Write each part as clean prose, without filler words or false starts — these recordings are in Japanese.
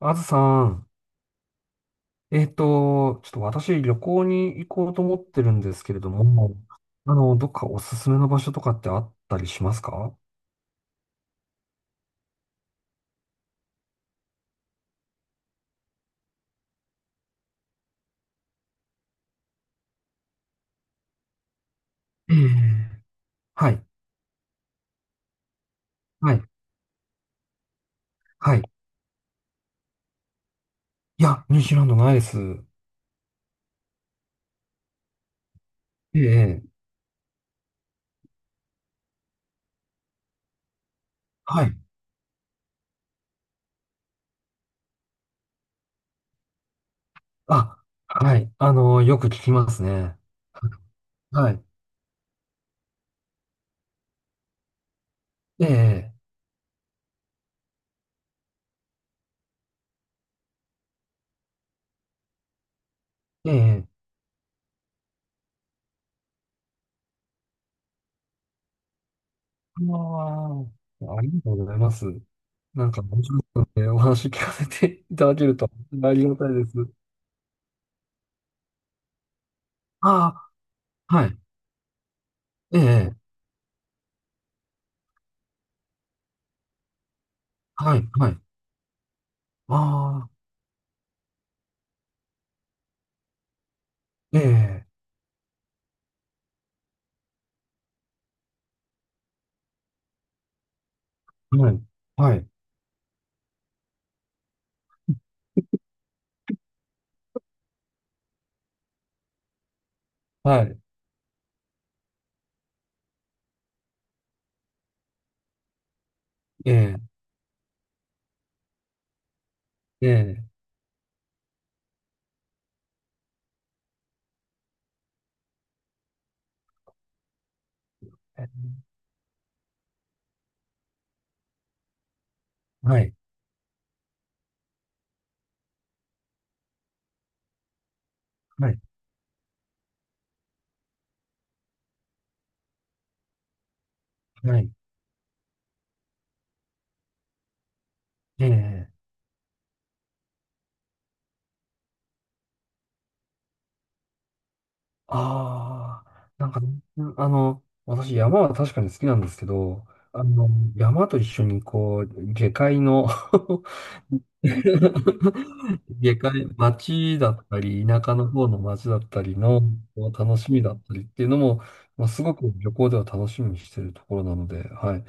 あずさん、ちょっと私旅行に行こうと思ってるんですけれども、どっかおすすめの場所とかってあったりしますか？ええ、はい、はい、はい。いや、ニュージーランドないです。ええ、はい。あ、はい。よく聞きますね。はい。ええ、ええ。ああ、ありがとうございます。なんか面白かったので、お話聞かせていただけるとありがたいです。ああ、はい。ええ。はい、はい。ああ、ええ、はい、はい、はい、ええ、ええ、はい、はい、はい、ええ、ああ、なんか、私、山は確かに好きなんですけど、あの、山と一緒に、こう、下界の 下界、町だったり、田舎の方の町だったりの、こう楽しみだったりっていうのも、まあ、すごく旅行では楽しみにしてるところなので、はい。例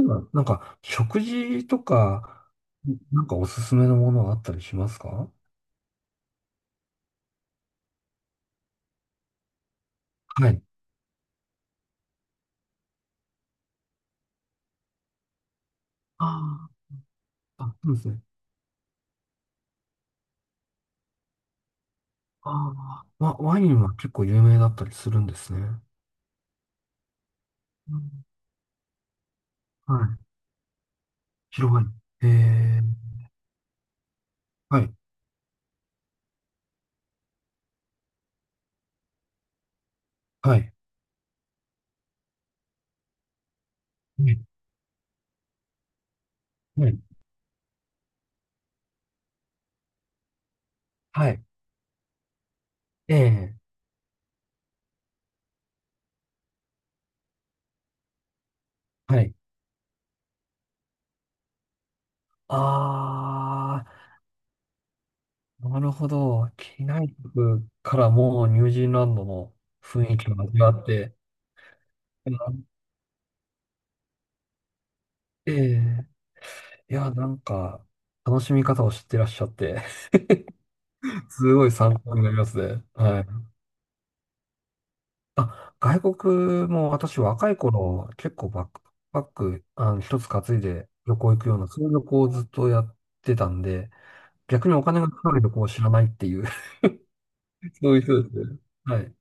えば、なんか、食事とか、なんかおすすめのものはあったりしますか？はい。ああ、あ、そうですね。ああ、ワインは結構有名だったりするんですね。うん、はい。白ワイン。ええ、はい、はい、はい、はい、ええ、はい。ああ、なるほど。機内食からもうニュージーランドの雰囲気が味わって、うん、ええ、いや、なんか、楽しみ方を知ってらっしゃって、すごい参考になりますね。はい。あ、外国も私若い頃、結構バックパック、一つ担いで旅行行くような、そういう旅行をずっとやってたんで、逆にお金がかかる旅行を知らないっていう、そういう人ですね。はい。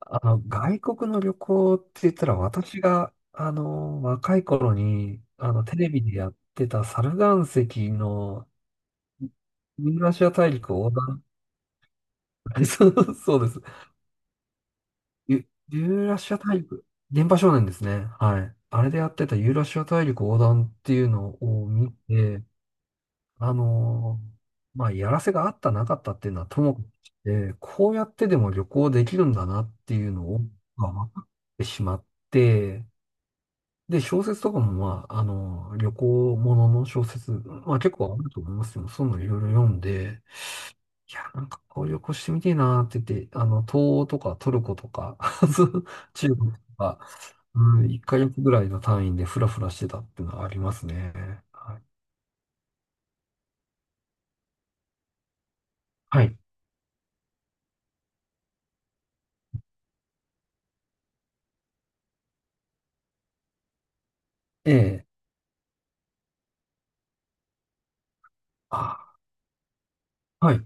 外国の旅行って言ったら、私が、若い頃に、テレビでやってたサル岩石のユーラシア大陸横断、そうそうです。ユーラシア大陸、電波少年ですね。はい。あれでやってたユーラシア大陸横断っていうのを見て、あのまあ、やらせがあったなかったっていうのはともかくして、こうやってでも旅行できるんだなっていうのを、まあ、分かってしまって、で、小説とかも、まあ、旅行ものの小説、まあ、結構あると思いますよ。そういうのいろいろ読んで、いや、なんかこういう旅行してみてえなって言って、東欧とかトルコとか、中国とか、うん、1ヶ月ぐらいの単位でフラフラしてたっていうのはありますね。はい。はい。ええ。あ、はい。い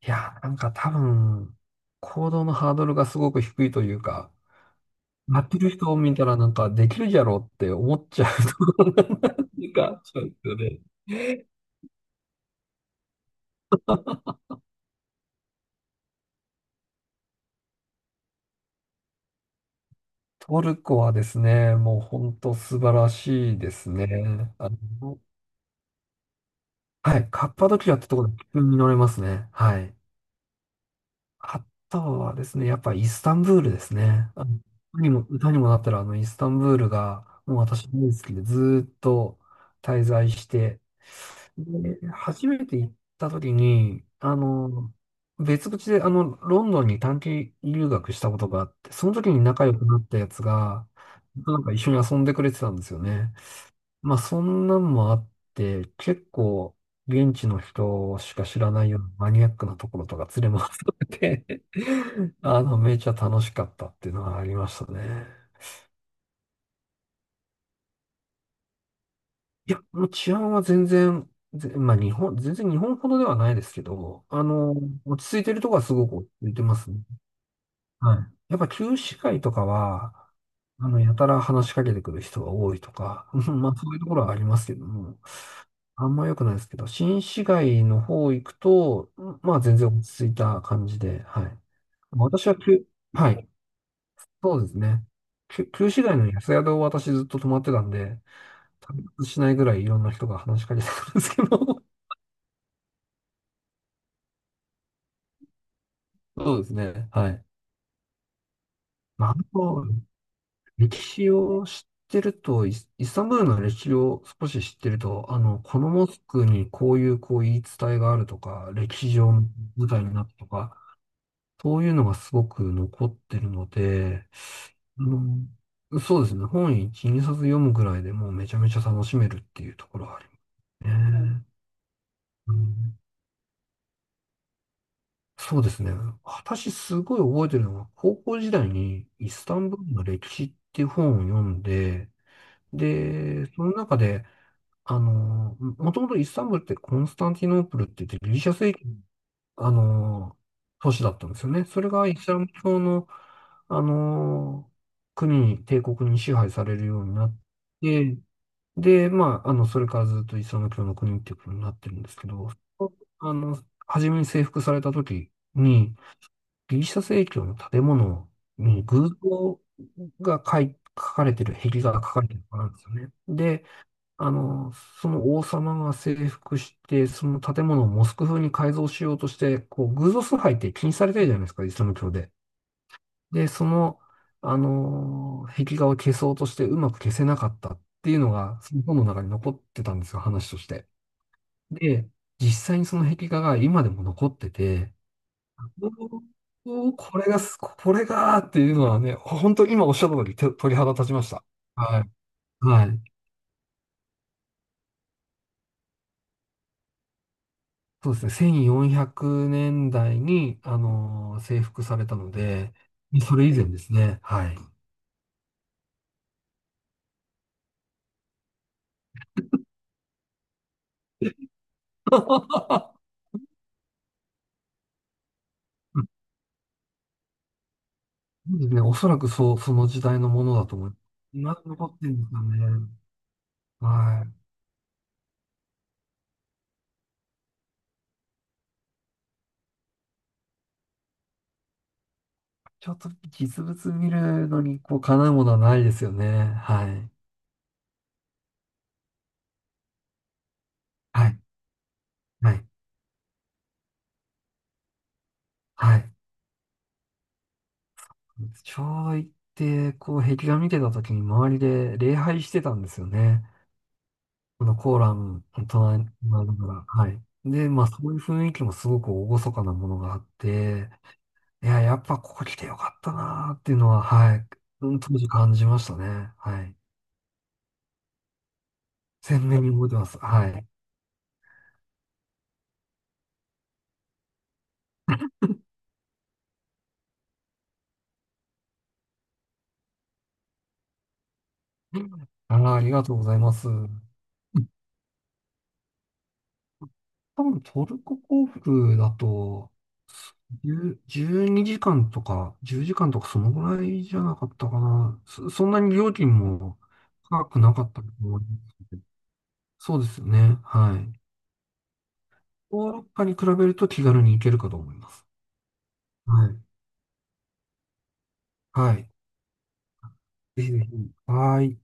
や、なんか多分、行動のハードルがすごく低いというか、やってる人を見たらなんかできるじゃろうって思っちゃう ところがなんていうか、そうですよね。トルコはですね、もう本当素晴らしいですね。の、はい。カッパドキアってところで急に乗れますね。はい。あとはですね、やっぱイスタンブールですね。あの歌にもなったら、イスタンブールが、もう私大好きで、ずーっと滞在して、で、初めて行った時に、別口で、ロンドンに短期留学したことがあって、その時に仲良くなったやつが、なんか一緒に遊んでくれてたんですよね。まあ、そんなんもあって、結構、現地の人しか知らないようなマニアックなところとか連れ回されて めちゃ楽しかったっていうのはありましたね。いや、もう治安は全然、ぜまあ、日本、全然日本ほどではないですけど、落ち着いてるとこはすごく落ち着いてますね。はい。やっぱ旧市街とかは、やたら話しかけてくる人が多いとか、まあそういうところはありますけども、あんま良くないですけど、新市街の方行くと、うん、まあ全然落ち着いた感じで、はい。私は旧、はい、そうですね。旧市街の安宿を私ずっと泊まってたんで、旅立ちしないぐらいいろんな人が話しかけてくるんですけど、そうですね。はい。まあ、あの歴史を知ってると、イスタンブールの歴史を少し知ってると、このモスクにこういう言い伝えがあるとか、歴史上の舞台になったとか、そういうのがすごく残ってるので、あそうですね、本1、2冊読むぐらいでもうめちゃめちゃ楽しめるっていうところはありますね。うん、そうですね。私すごい覚えてるのは、高校時代にイスタンブールの歴史っていう本を読んで、で、その中で、もともとイスタンブールってコンスタンティノープルって言ってギリシャ正教の、あのー都市だったんですよね。それがイスラム教の、あのー国に、帝国に支配されるようになって、で、まあ、それからずっとイスラム教の国っていうことになってるんですけど、あの、初めに征服された時に、ギリシャ正教の建物に偶像が書かれてる、壁画が書かれてるからなんですよね。で、その王様が征服して、その建物をモスク風に改造しようとして、こう、偶像崇拝って禁止されてるじゃないですか、イスラム教で。で、その、壁画を消そうとしてうまく消せなかったっていうのが、その本の中に残ってたんですよ、話として。で、実際にその壁画が今でも残ってて、おお、これがーっていうのはね、本当に今おっしゃった通り、手鳥肌立ちました。はい。はい。そうですね、1400年代に、征服されたので、それ以前ですね。はい。そうですね、おそらくそう、その時代のものだと思います。今でも残ってるんですよね。はい。ちょっと実物見るのに、こう、かなうものはないですよね。はい。はい。はい。はい。昭和行って、こう、壁画見てた時に周りで礼拝してたんですよね。コーラン、隣にあるから、はい。で、まあ、そういう雰囲気もすごく厳かなものがあって、いや、やっぱここ来てよかったなーっていうのは、はい。うん、当時感じましたね。はい。鮮明に覚えてます。はい。ああ、ありがとうございます。多分トルコ航空だと、10 12時間とか、10時間とかそのぐらいじゃなかったかな。そんなに料金も高くなかったと思います。そうですよね。はい。ヨーロッパに比べると気軽に行けるかと思います。はい。はい。ぜひぜひ。はい。